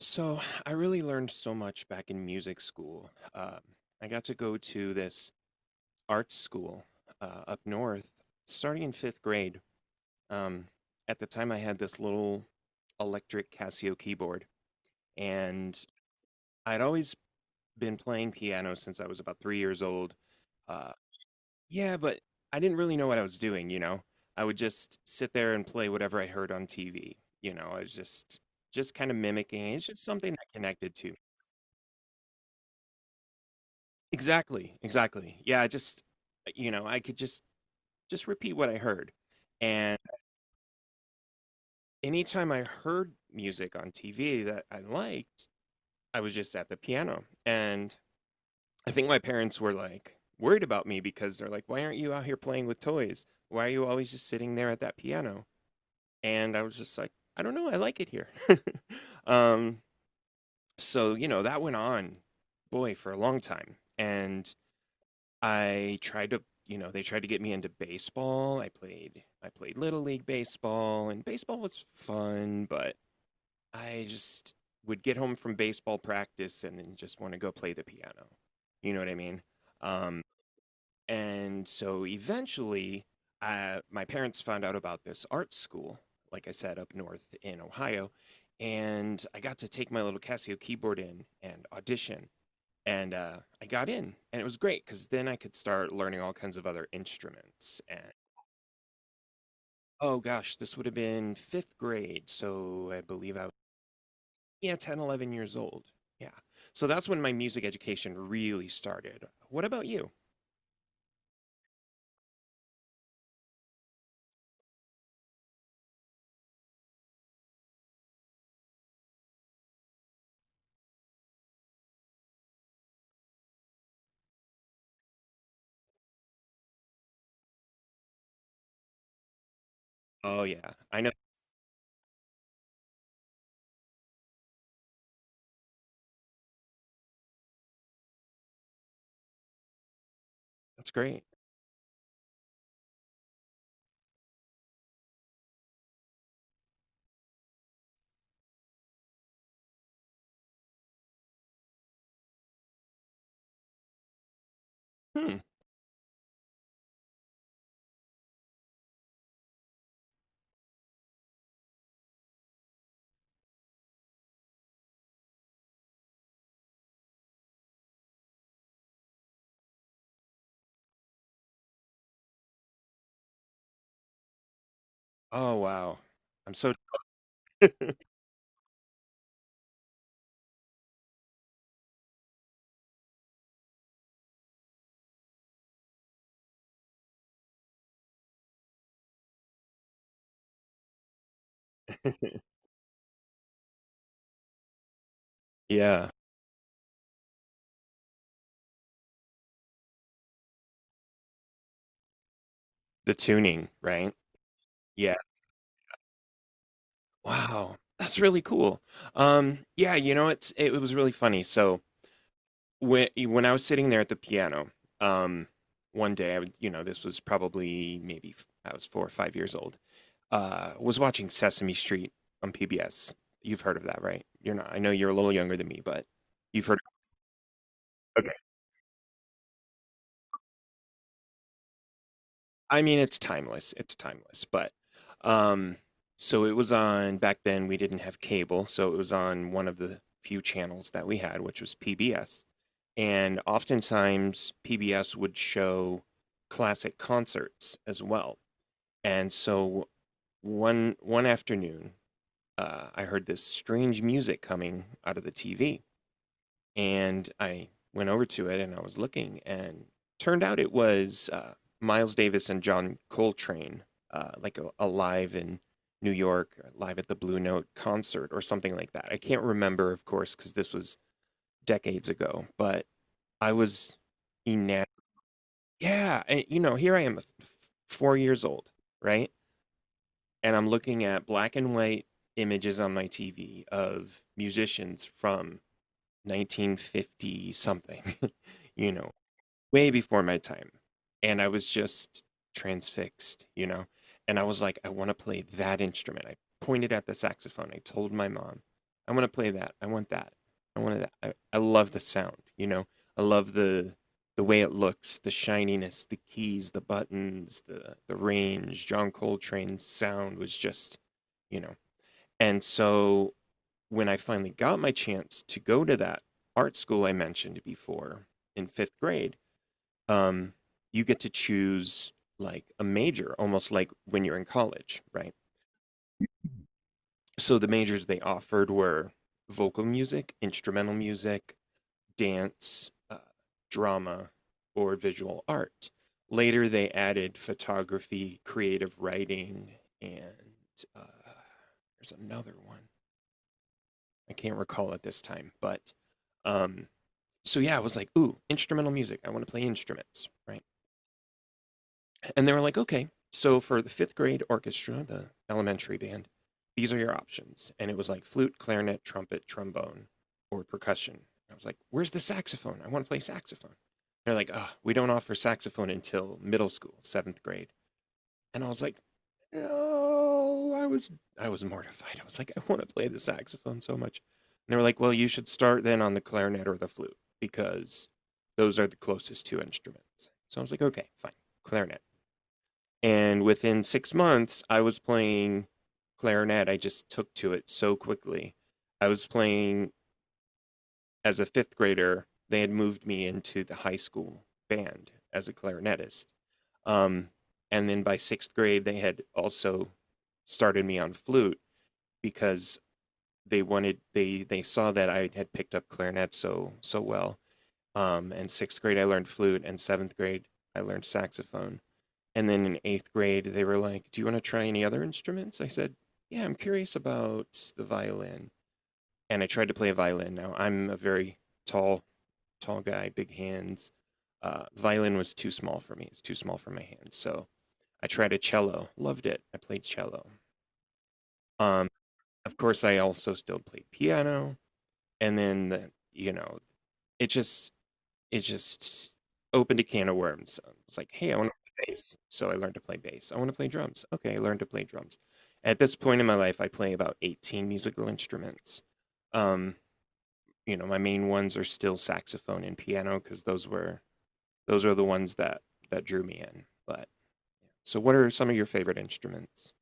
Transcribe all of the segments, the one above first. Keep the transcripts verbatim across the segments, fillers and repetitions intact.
So I really learned so much back in music school. Um, I got to go to this art school uh, up north starting in fifth grade. Um, at the time, I had this little electric Casio keyboard, and I'd always been playing piano since I was about three years old. Uh, yeah, but I didn't really know what I was doing, you know? I would just sit there and play whatever I heard on T V. You know, I was just just kind of mimicking. It's just something that connected to. Exactly, exactly. Yeah, I just uh, you know, I could just just repeat what I heard. And anytime I heard music on T V that I liked, I was just at the piano. And I think my parents were like worried about me because they're like, "Why aren't you out here playing with toys? Why are you always just sitting there at that piano?" And I was just like, "I don't know, I like it here." um so, you know, that went on, boy, for a long time. And I tried to, you know, they tried to get me into baseball. I played I played little league baseball, and baseball was fun, but I just would get home from baseball practice and then just want to go play the piano. You know what I mean? Um and so eventually uh, my parents found out about this art school, like I said, up north in Ohio, and I got to take my little Casio keyboard in and audition and uh, I got in, and it was great because then I could start learning all kinds of other instruments. And oh gosh, this would have been fifth grade, so I believe I was, yeah, ten eleven years old. Yeah, so that's when my music education really started. What about you? Oh yeah, I know. That's great. Hmm. Oh wow, I'm so. Yeah, the tuning, right? Yeah. Wow, that's really cool. Um yeah, you know it's it was really funny, so when e, when I was sitting there at the piano, um, one day I would, you know, this was probably maybe I was four or five years old. Uh, was watching Sesame Street on P B S. You've heard of that, right? You're not. I know you're a little younger than me, but you've heard. Okay. I mean, it's timeless. It's timeless. But um, so it was on back then. We didn't have cable, so it was on one of the few channels that we had, which was P B S, and oftentimes P B S would show classic concerts as well. And so one one afternoon, uh, I heard this strange music coming out of the T V, and I went over to it and I was looking, and turned out it was uh, Miles Davis and John Coltrane, uh, like a, a live in New York, live at the Blue Note concert or something like that. I can't remember, of course, because this was decades ago, but I was enamored. Yeah, and, you know, here I am, f f four years old, right? And I'm looking at black and white images on my T V of musicians from nineteen fifty something, you know, way before my time. And I was just transfixed, you know? And I was like, I want to play that instrument. I pointed at the saxophone. I told my mom, I want to play that. I want that. I wanted that. I, I love the sound, you know? I love the the way it looks, the shininess, the keys, the buttons, the the range. John Coltrane's sound was just, you know. And so when I finally got my chance to go to that art school I mentioned before in fifth grade, um, you get to choose like a major, almost like when you're in college, right? So the majors they offered were vocal music, instrumental music, dance, uh, drama, or visual art. Later, they added photography, creative writing, and uh, there's another one. I can't recall at this time, but um, so yeah, I was like, ooh, instrumental music. I want to play instruments, right? And they were like, okay, so for the fifth grade orchestra, the elementary band, these are your options. And it was like flute, clarinet, trumpet, trombone, or percussion. I was like, where's the saxophone? I want to play saxophone. They're like, oh, we don't offer saxophone until middle school, seventh grade. And I was like, no, I was I was mortified. I was like, I want to play the saxophone so much. And they were like, well, you should start then on the clarinet or the flute because those are the closest two instruments. So I was like, okay, fine, clarinet. And within six months, I was playing clarinet. I just took to it so quickly. I was playing as a fifth grader. They had moved me into the high school band as a clarinetist. Um, and then by sixth grade, they had also started me on flute because they wanted they they saw that I had picked up clarinet so so well. Um, and sixth grade, I learned flute, and seventh grade, I learned saxophone. And then in eighth grade, they were like, "Do you want to try any other instruments?" I said, "Yeah, I'm curious about the violin." And I tried to play a violin. Now, I'm a very tall, tall guy, big hands. Uh, the violin was too small for me, it was too small for my hands. So I tried a cello, loved it. I played cello. Um, of course, I also still played piano. And then, the, you know, it just, it just opened a can of worms. It's like, "Hey, I want to play bass." So I learned to play bass. I want to play drums. Okay, I learned to play drums. At this point in my life, I play about eighteen musical instruments. Um, you know, my main ones are still saxophone and piano because those were those are the ones that that drew me in. But so what are some of your favorite instruments?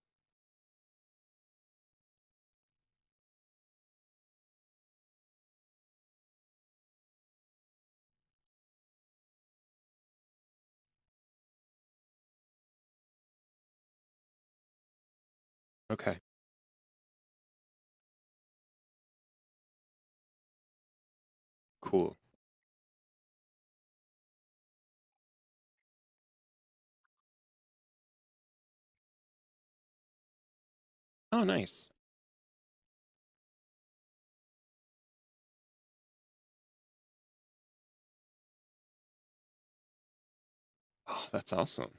Okay, cool. Oh, nice. Oh, that's awesome.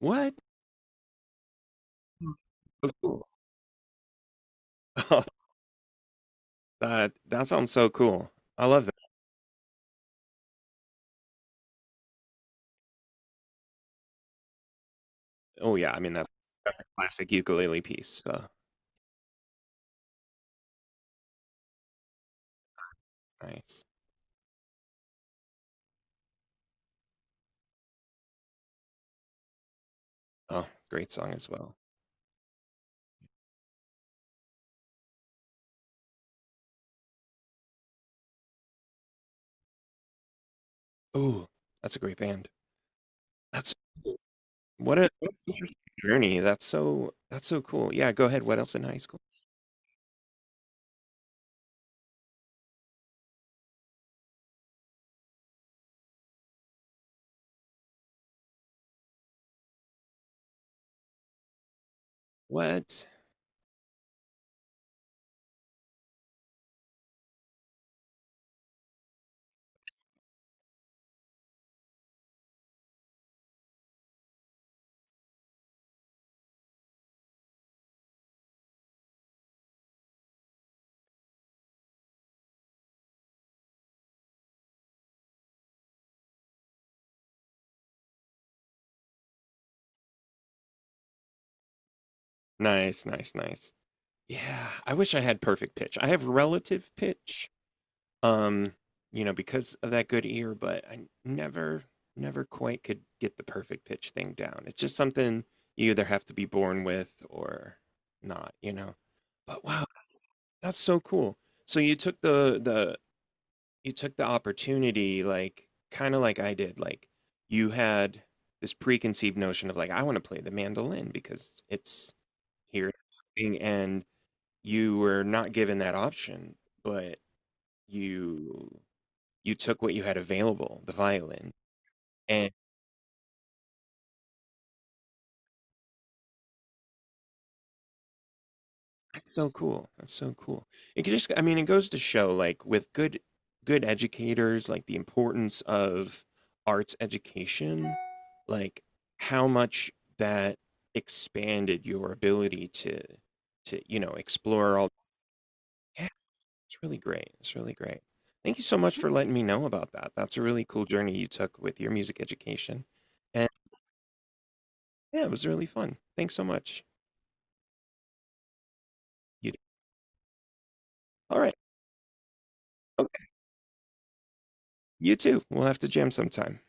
What? So cool. that that sounds so cool. I love that. Oh yeah, I mean that that's a classic ukulele piece. Uh, nice. Oh, great song as well. Oh, that's a great band. That's cool. what a what an interesting journey. That's so that's so cool. Yeah, go ahead. What else in high school? What? Nice, nice, nice. Yeah, I wish I had perfect pitch. I have relative pitch. Um, you know, because of that good ear, but I never never quite could get the perfect pitch thing down. It's just something you either have to be born with or not, you know. But wow, that's so cool. So you took the the you took the opportunity, like, kind of like I did, like you had this preconceived notion of like I want to play the mandolin because it's here, and you were not given that option, but you you took what you had available, the violin, and that's so cool. That's so cool. It could just, I mean, it goes to show, like, with good, good educators, like the importance of arts education, like how much that expanded your ability to, to, you know, explore all. Yeah, it's really great. It's really great. Thank you so much for letting me know about that. That's a really cool journey you took with your music education. And yeah, it was really fun. Thanks so much. You, all right. Okay. You too. We'll have to jam sometime.